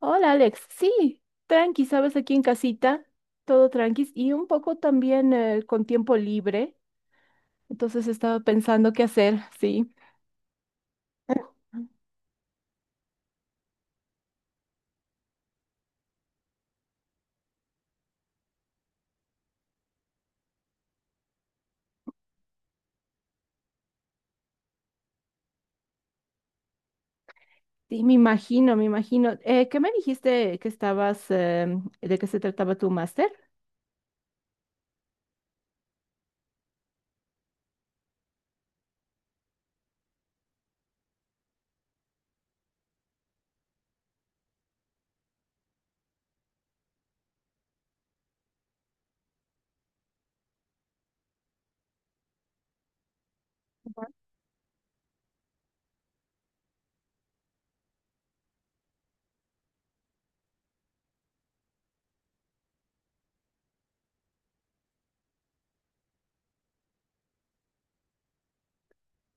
Hola Alex, sí, tranqui, sabes, aquí en casita, todo tranqui y un poco también con tiempo libre, entonces estaba pensando qué hacer, sí, sí, me imagino, me imagino. ¿Qué me dijiste que estabas, de qué se trataba tu máster?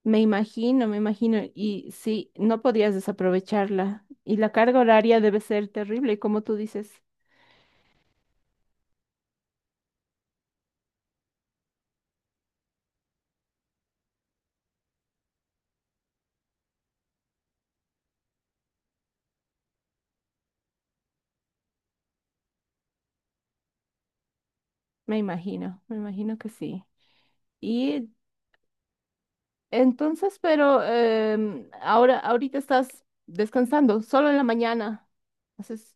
Me imagino, me imagino. Y sí, no podías desaprovecharla. Y la carga horaria debe ser terrible, como tú dices. Me imagino que sí. Y entonces, pero ahora, ahorita estás descansando, solo en la mañana haces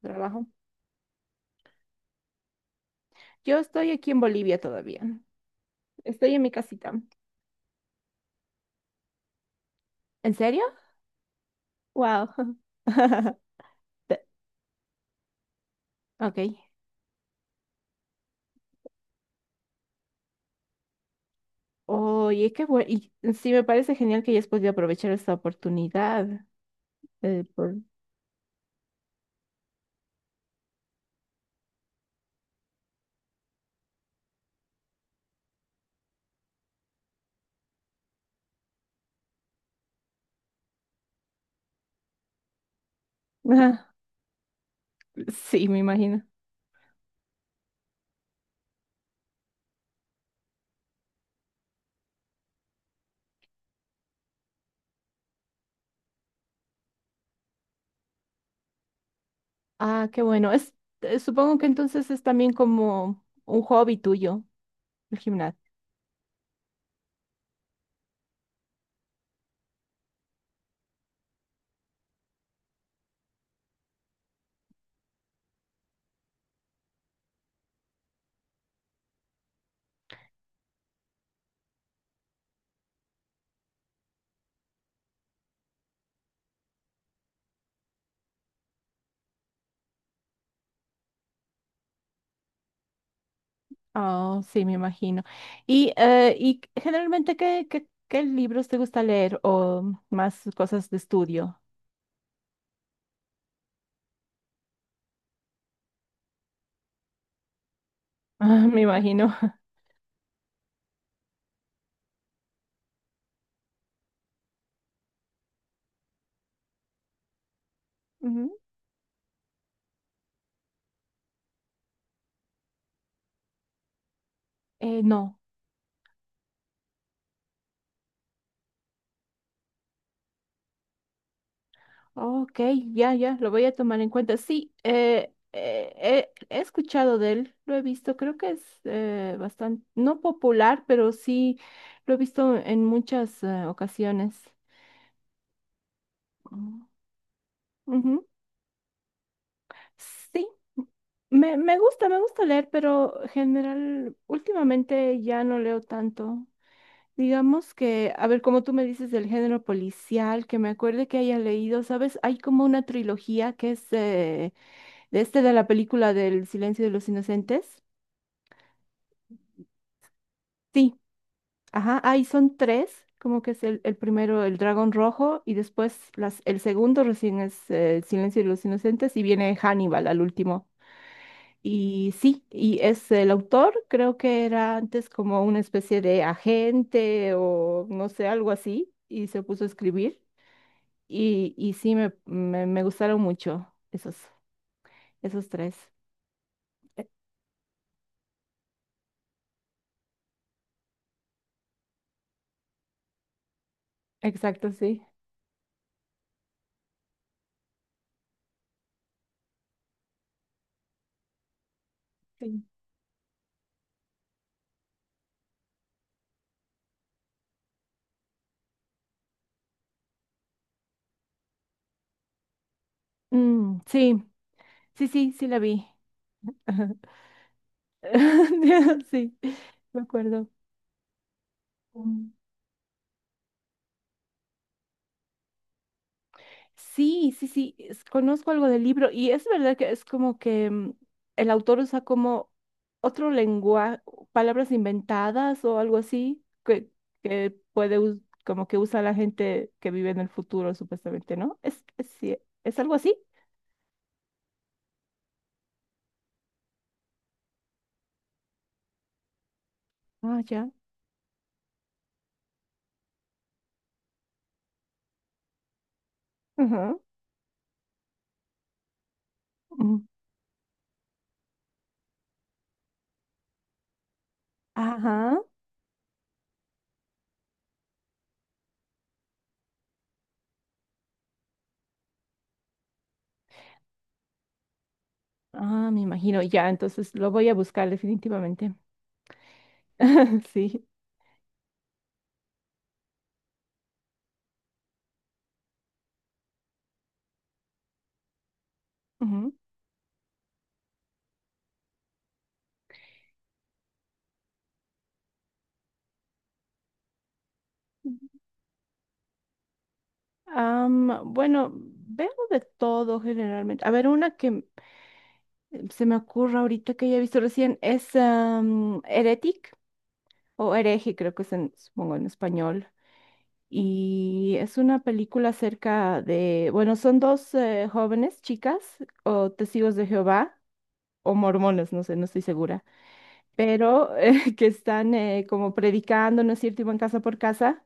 trabajo. Yo estoy aquí en Bolivia todavía. Estoy en mi casita. ¿En serio? Wow. Ok. Oye, qué bueno. Y sí, me parece genial que hayas podido aprovechar esta oportunidad. Por… Ah, sí, me imagino. Ah, qué bueno. Supongo que entonces es también como un hobby tuyo, el gimnasio. Oh, sí, me imagino. Y generalmente, ¿qué libros te gusta leer o más cosas de estudio? Ah, me imagino. Ujú. No. Ok, ya, lo voy a tomar en cuenta. Sí, he escuchado de él, lo he visto, creo que es bastante, no popular, pero sí lo he visto en muchas ocasiones. Mm. Ujú. Sí, me gusta leer, pero general, últimamente ya no leo tanto. Digamos que, a ver, como tú me dices del género policial, que me acuerde que haya leído, ¿sabes? Hay como una trilogía que es… de este de la película del Silencio de los Inocentes. Sí, ajá, ahí son tres, como que es el primero el dragón rojo y después las, el segundo recién es El Silencio de los Inocentes y viene Hannibal al último. Y sí, y es el autor, creo que era antes como una especie de agente o no sé, algo así, y se puso a escribir. Y sí, me gustaron mucho esos, esos tres. E- Exacto, sí. Sí. Mm, sí, sí, sí, sí la vi. Ajá. Sí, me acuerdo. Mm. Sí, conozco algo del libro y es verdad que es como que el autor usa como otro lenguaje, palabras inventadas o algo así que puede, como que usa la gente que vive en el futuro, supuestamente, ¿no? ¿Es, es algo así? Ah, ya. Ajá. Mm. Ajá. Ah, me imagino, ya, entonces lo voy a buscar definitivamente. Sí. Ujú. Bueno, veo de todo generalmente. A ver, una que se me ocurre ahorita que haya visto recién es Heretic o Hereje, creo que es en, supongo en español. Y es una película acerca de, bueno, son dos jóvenes chicas o testigos de Jehová o mormones, no sé, no estoy segura, pero que están como predicando, ¿no es cierto? Y van casa por casa.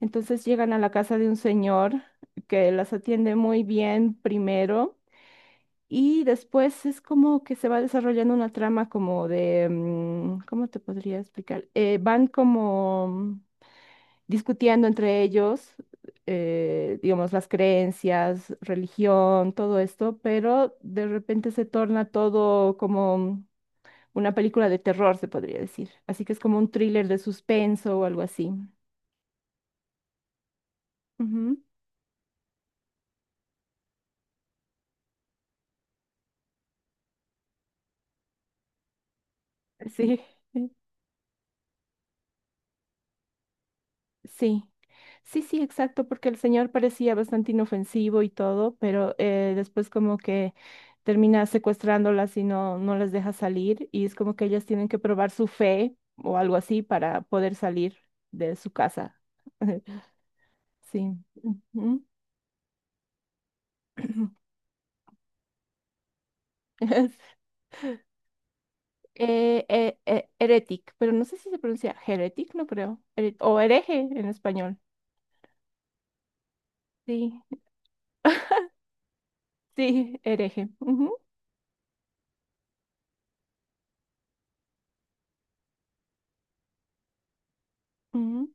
Entonces llegan a la casa de un señor que las atiende muy bien primero. Y después es como que se va desarrollando una trama como de, ¿cómo te podría explicar? Van como discutiendo entre ellos, digamos, las creencias, religión, todo esto, pero de repente se torna todo como una película de terror, se podría decir. Así que es como un thriller de suspenso o algo así. Ujú, sí. Sí, sí, sí, exacto, porque el señor parecía bastante inofensivo y todo, pero después como que termina secuestrándolas y no, no las deja salir y es como que ellas tienen que probar su fe o algo así para poder salir de su casa. Sí. Ujú. Heretic, pero no sé si se pronuncia heretic, no creo, o hereje en español. Sí, sí, hereje. Ujú, ujú,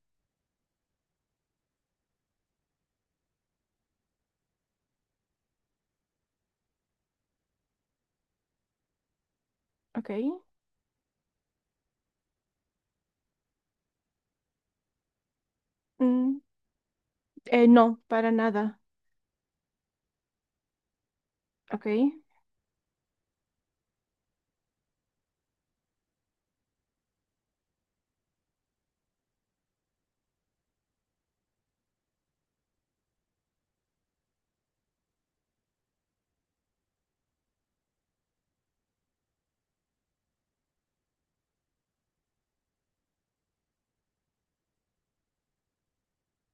ok. Mm, no, para nada. Ok,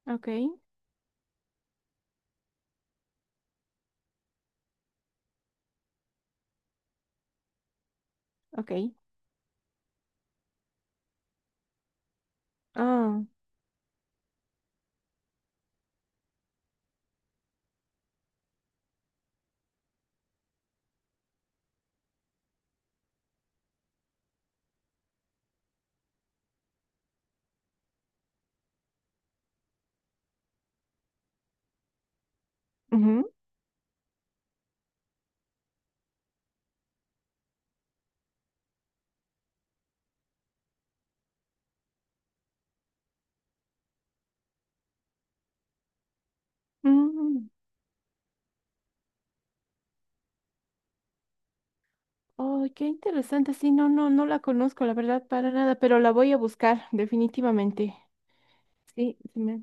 ok, ok. Ah, ujú, mm, oh, qué interesante. Sí, no, no, no la conozco, la verdad, para nada, pero la voy a buscar, definitivamente. Sí,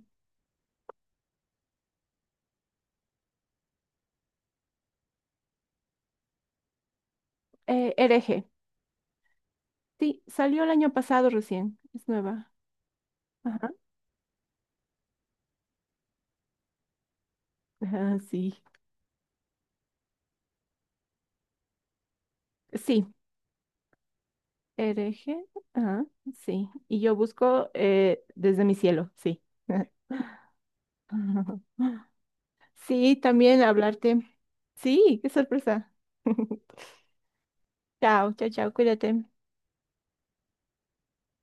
hereje. Sí, salió el año pasado recién. Es nueva. Ajá, ajá, sí. Sí, hereje. Ajá, sí. Y yo busco desde mi cielo, sí. Sí, también hablarte. Sí, qué sorpresa. Chao, chao, chao, cuídate.